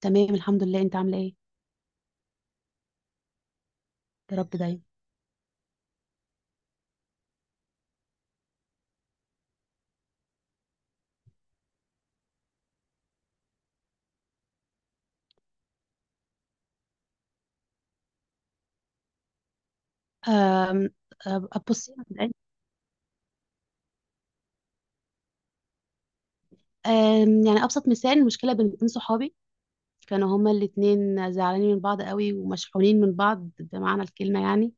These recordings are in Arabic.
تمام الحمد لله. انت عامله ايه؟ يا رب دايما. أم- بصي. يعني ابسط مثال مشكله بين اتنين صحابي. كانوا هما الاتنين زعلانين من بعض قوي، ومشحونين من بعض بمعنى الكلمه يعني.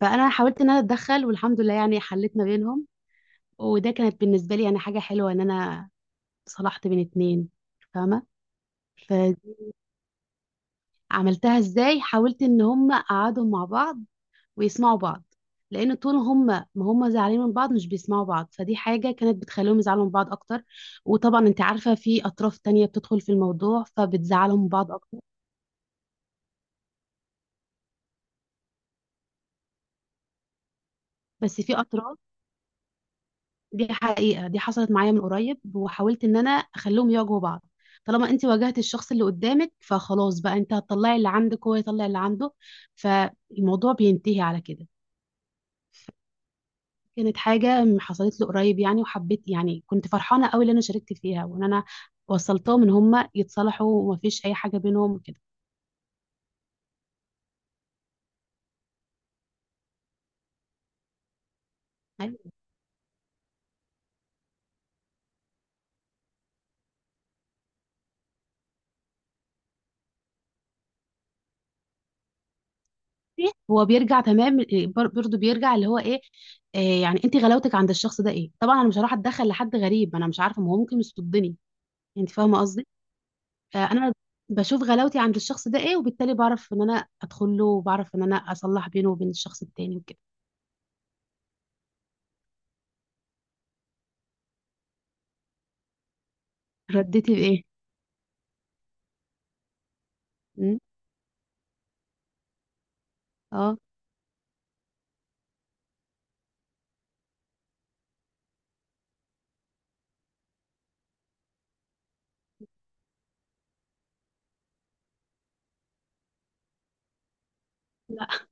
فانا حاولت ان انا اتدخل، والحمد لله يعني حليت ما بينهم. وده كانت بالنسبه لي يعني حاجه حلوه ان انا صلحت بين اتنين. فاهمه؟ فعملتها ازاي؟ حاولت ان هما قعدوا مع بعض ويسمعوا بعض، لان طول هم ما هم زعلانين من بعض مش بيسمعوا بعض، فدي حاجه كانت بتخليهم يزعلوا من بعض اكتر. وطبعا انت عارفه في اطراف تانية بتدخل في الموضوع، فبتزعلهم من بعض اكتر. بس في اطراف. دي حقيقه، دي حصلت معايا من قريب، وحاولت ان انا اخليهم يواجهوا بعض. طالما انت واجهت الشخص اللي قدامك، فخلاص بقى انت هتطلعي اللي عندك وهو يطلع اللي عنده. فالموضوع بينتهي على كده. كانت حاجة حصلت لي قريب يعني، وحبيت يعني كنت فرحانة قوي اللي أنا شاركت فيها، وإن أنا وصلتهم إن هم يتصالحوا ومفيش أي حاجة بينهم وكده. أيوة. هو بيرجع تمام إيه، برضه بيرجع اللي هو إيه. إيه يعني أنت غلاوتك عند الشخص ده إيه. طبعا أنا مش هروح أتدخل لحد غريب، أنا مش عارفة ما هو ممكن يصدني. أنت فاهمة قصدي؟ فأنا بشوف غلاوتي عند الشخص ده إيه، وبالتالي بعرف إن أنا أدخل له، وبعرف إن أنا أصلح بينه وبين الشخص التاني وكده. ردتي بإيه؟ أمم، أه. لا.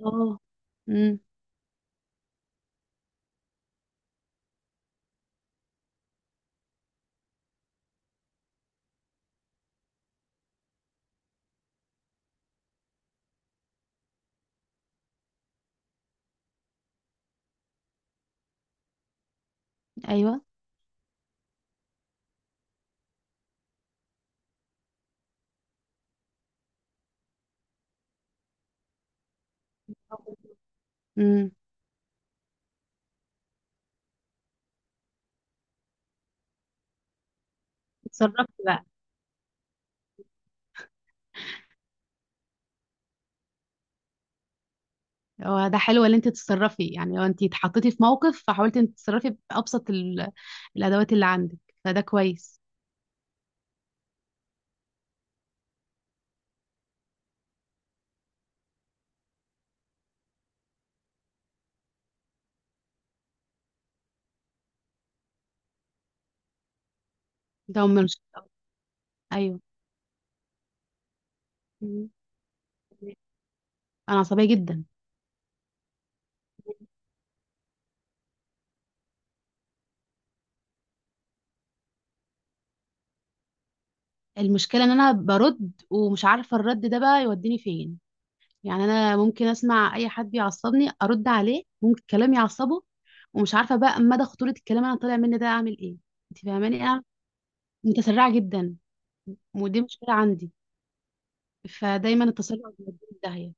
أه. أمم، أيوه. امم. اتصرفتي بقى. هو ده حلو ان انت تتصرفي، يعني لو انت اتحطيتي في موقف فحاولتي انت تتصرفي بابسط الادوات اللي عندك. فده كويس. ده هم مش. ايوه. مم. انا عصبيه جدا. المشكله ان انا برد ومش عارفه الرد ده بقى يوديني فين. يعني انا ممكن اسمع اي حد يعصبني ارد عليه، ممكن كلام يعصبه، ومش عارفه بقى مدى خطوره الكلام انا طالع مني ده اعمل ايه. انت فاهماني؟ انا متسرعه جدا، ودي مشكله عندي. فدايما التسرع بيوديني في داهيه.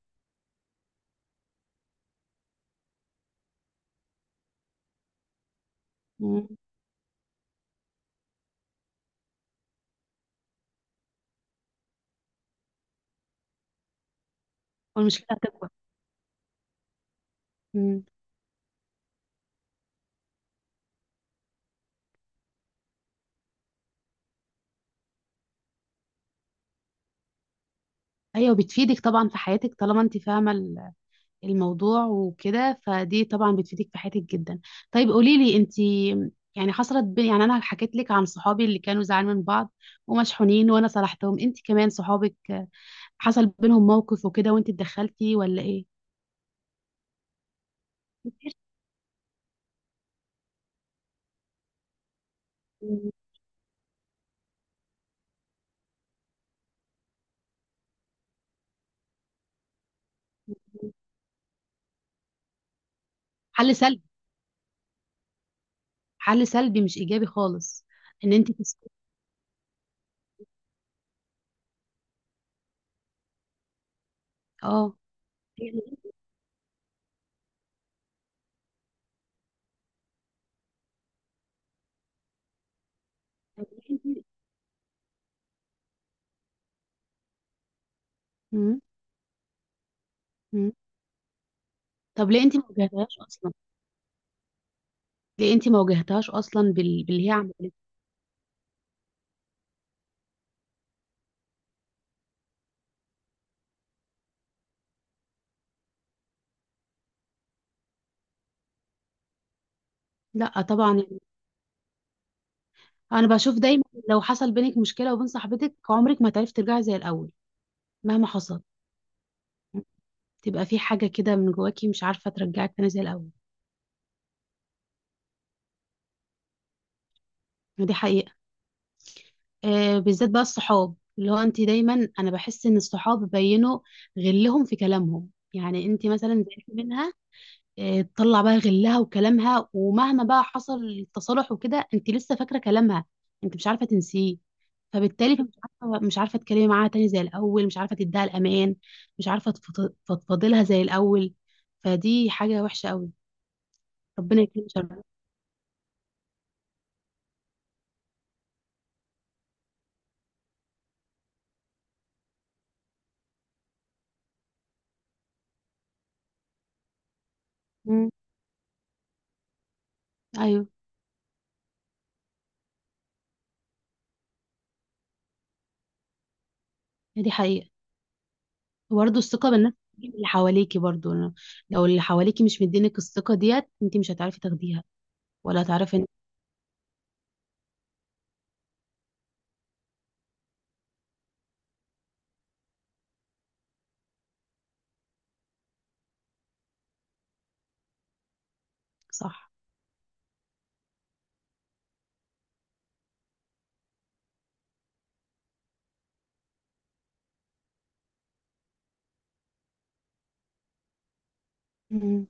مم. والمشكلة هتكبر. مم. أيوة، بتفيدك طبعا في حياتك، طالما أنت فاهمة الموضوع وكده، فدي طبعا بتفيدك في حياتك جدا. طيب قولي لي أنت، يعني يعني أنا حكيت لك عن صحابي اللي كانوا زعلانين من بعض ومشحونين، وأنا صلحتهم. أنت كمان صحابك حصل بينهم موقف وكده وأنت اتدخلتي ولا إيه؟ مفيش. مم. حل سلبي. حل سلبي مش إيجابي خالص. إن أنت تسكتي. أه. يعني. أنت- مم. مم. طب ليه أنت ما واجهتهاش أصلا؟ دي انت ما واجهتهاش اصلا باللي هي عملته. لا طبعا يعني. انا بشوف دايما، لو حصل بينك مشكله وبين صاحبتك عمرك ما تعرفي ترجعي زي الاول مهما حصل. تبقى في حاجه كده من جواكي مش عارفه ترجعك تاني زي الاول. دي حقيقه. آه، بالذات بقى الصحاب. اللي هو انت دايما، انا بحس ان الصحاب بينوا غلهم في كلامهم. يعني انت مثلا زعلتي منها، آه، تطلع بقى غلها وكلامها، ومهما بقى حصل التصالح وكده انت لسه فاكره كلامها، انت مش عارفه تنسيه. فبالتالي مش عارفه تتكلمي معاها تاني زي الاول، مش عارفه تديها الامان، مش عارفه تفضفضي لها زي الاول. فدي حاجه وحشه قوي. ربنا يكرمك يا رب. مم. ايوس. دي حقيقه. وبرضه الثقه بالنفس دي من اللي حواليكي برضه. لو اللي حواليكي مش مدينك الثقه ديت انت مش هتعرفي تاخديها ولا هتعرفي انك. صح. مم.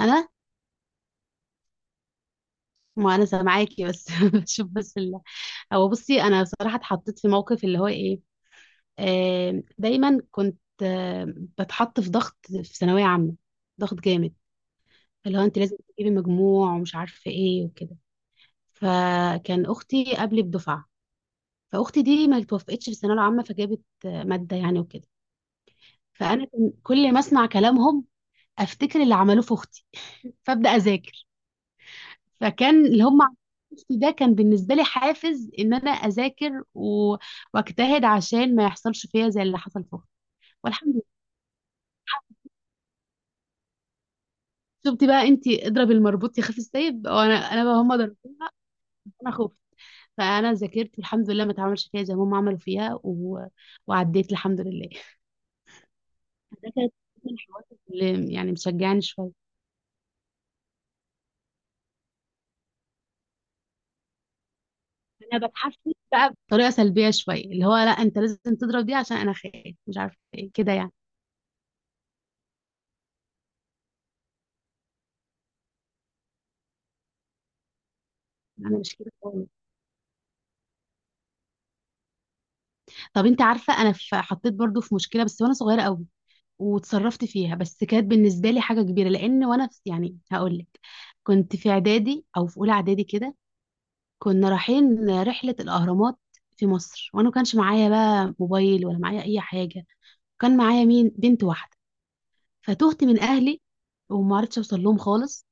انا ما انا سامعاكي بس بشوف بس. هو بصي، انا بصراحه اتحطيت في موقف اللي هو ايه. آه، دايما كنت بتحط في ضغط في ثانويه عامه. ضغط جامد، اللي هو انت لازم تجيبي مجموع ومش عارفه ايه وكده. فكان اختي قبلي بدفعه، فاختي دي ما توفقتش في الثانويه العامه فجابت ماده يعني وكده. فانا كان كل ما اسمع كلامهم افتكر اللي عملوه في اختي فابدا اذاكر. فكان اللي هم عملوه في اختي ده كان بالنسبه لي حافز ان انا اذاكر واجتهد عشان ما يحصلش فيا زي اللي حصل في اختي. والحمد لله. شفتي بقى انت، اضرب المربوط يخاف السيب، وانا بقى هم ضربوني. انا خفت، فانا ذاكرت والحمد لله ما اتعملش فيها زي ما هم عملوا فيها وعديت الحمد لله. ده كانت من الحوارات اللي يعني مشجعني شويه. انا بتحفز بقى بطريقه سلبيه شويه، اللي هو لا انت لازم تضرب دي عشان انا خايف مش عارفه ايه كده يعني. انا مش كده خالص. طب انت عارفه، انا في حطيت برضو في مشكله بس وانا صغيره قوي، وتصرفت فيها. بس كانت بالنسبه لي حاجه كبيره لان وانا في يعني هقول لك. كنت في اعدادي او في اولى اعدادي كده. كنا رايحين رحلة الأهرامات في مصر، وأنا ما كانش معايا بقى موبايل ولا معايا أي حاجة. كان معايا مين، بنت واحدة. فتهت من أهلي، وما عرفتش أوصل لهم خالص.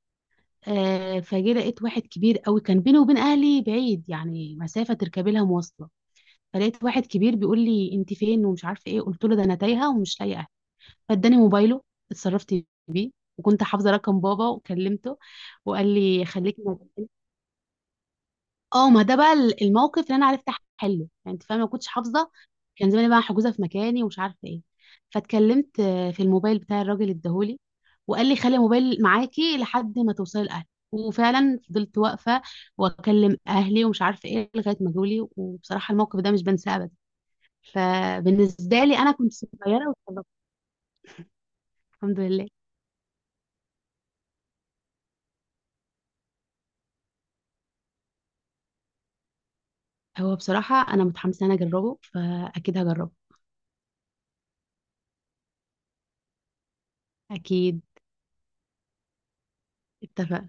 آه، فجي لقيت واحد كبير قوي كان بيني وبين أهلي بعيد، يعني مسافة تركبي لها مواصلة. فلقيت واحد كبير بيقول لي أنت فين ومش عارفة إيه، قلت له ده أنا تايهة ومش لاقية أهلي. فاداني موبايله، اتصرفت بيه، وكنت حافظة رقم بابا وكلمته. وقال لي خليكي. اه، ما ده بقى الموقف اللي انا عرفت احله، يعني انت فاهمه، ما كنتش حافظه كان زماني بقى حجوزه في مكاني ومش عارفه ايه. فاتكلمت في الموبايل بتاع الراجل اداهولي، وقال لي خلي الموبايل معاكي لحد ما توصلي الاهل. وفعلا فضلت واقفه واكلم اهلي ومش عارفه ايه لغايه ما جولي. وبصراحه الموقف ده مش بنساه ابدا. فبالنسبه لي انا كنت صغيره واتخرجت. الحمد لله. هو بصراحه انا متحمسه ان انا اجربه، فاكيد هجربه. اكيد. اتفق.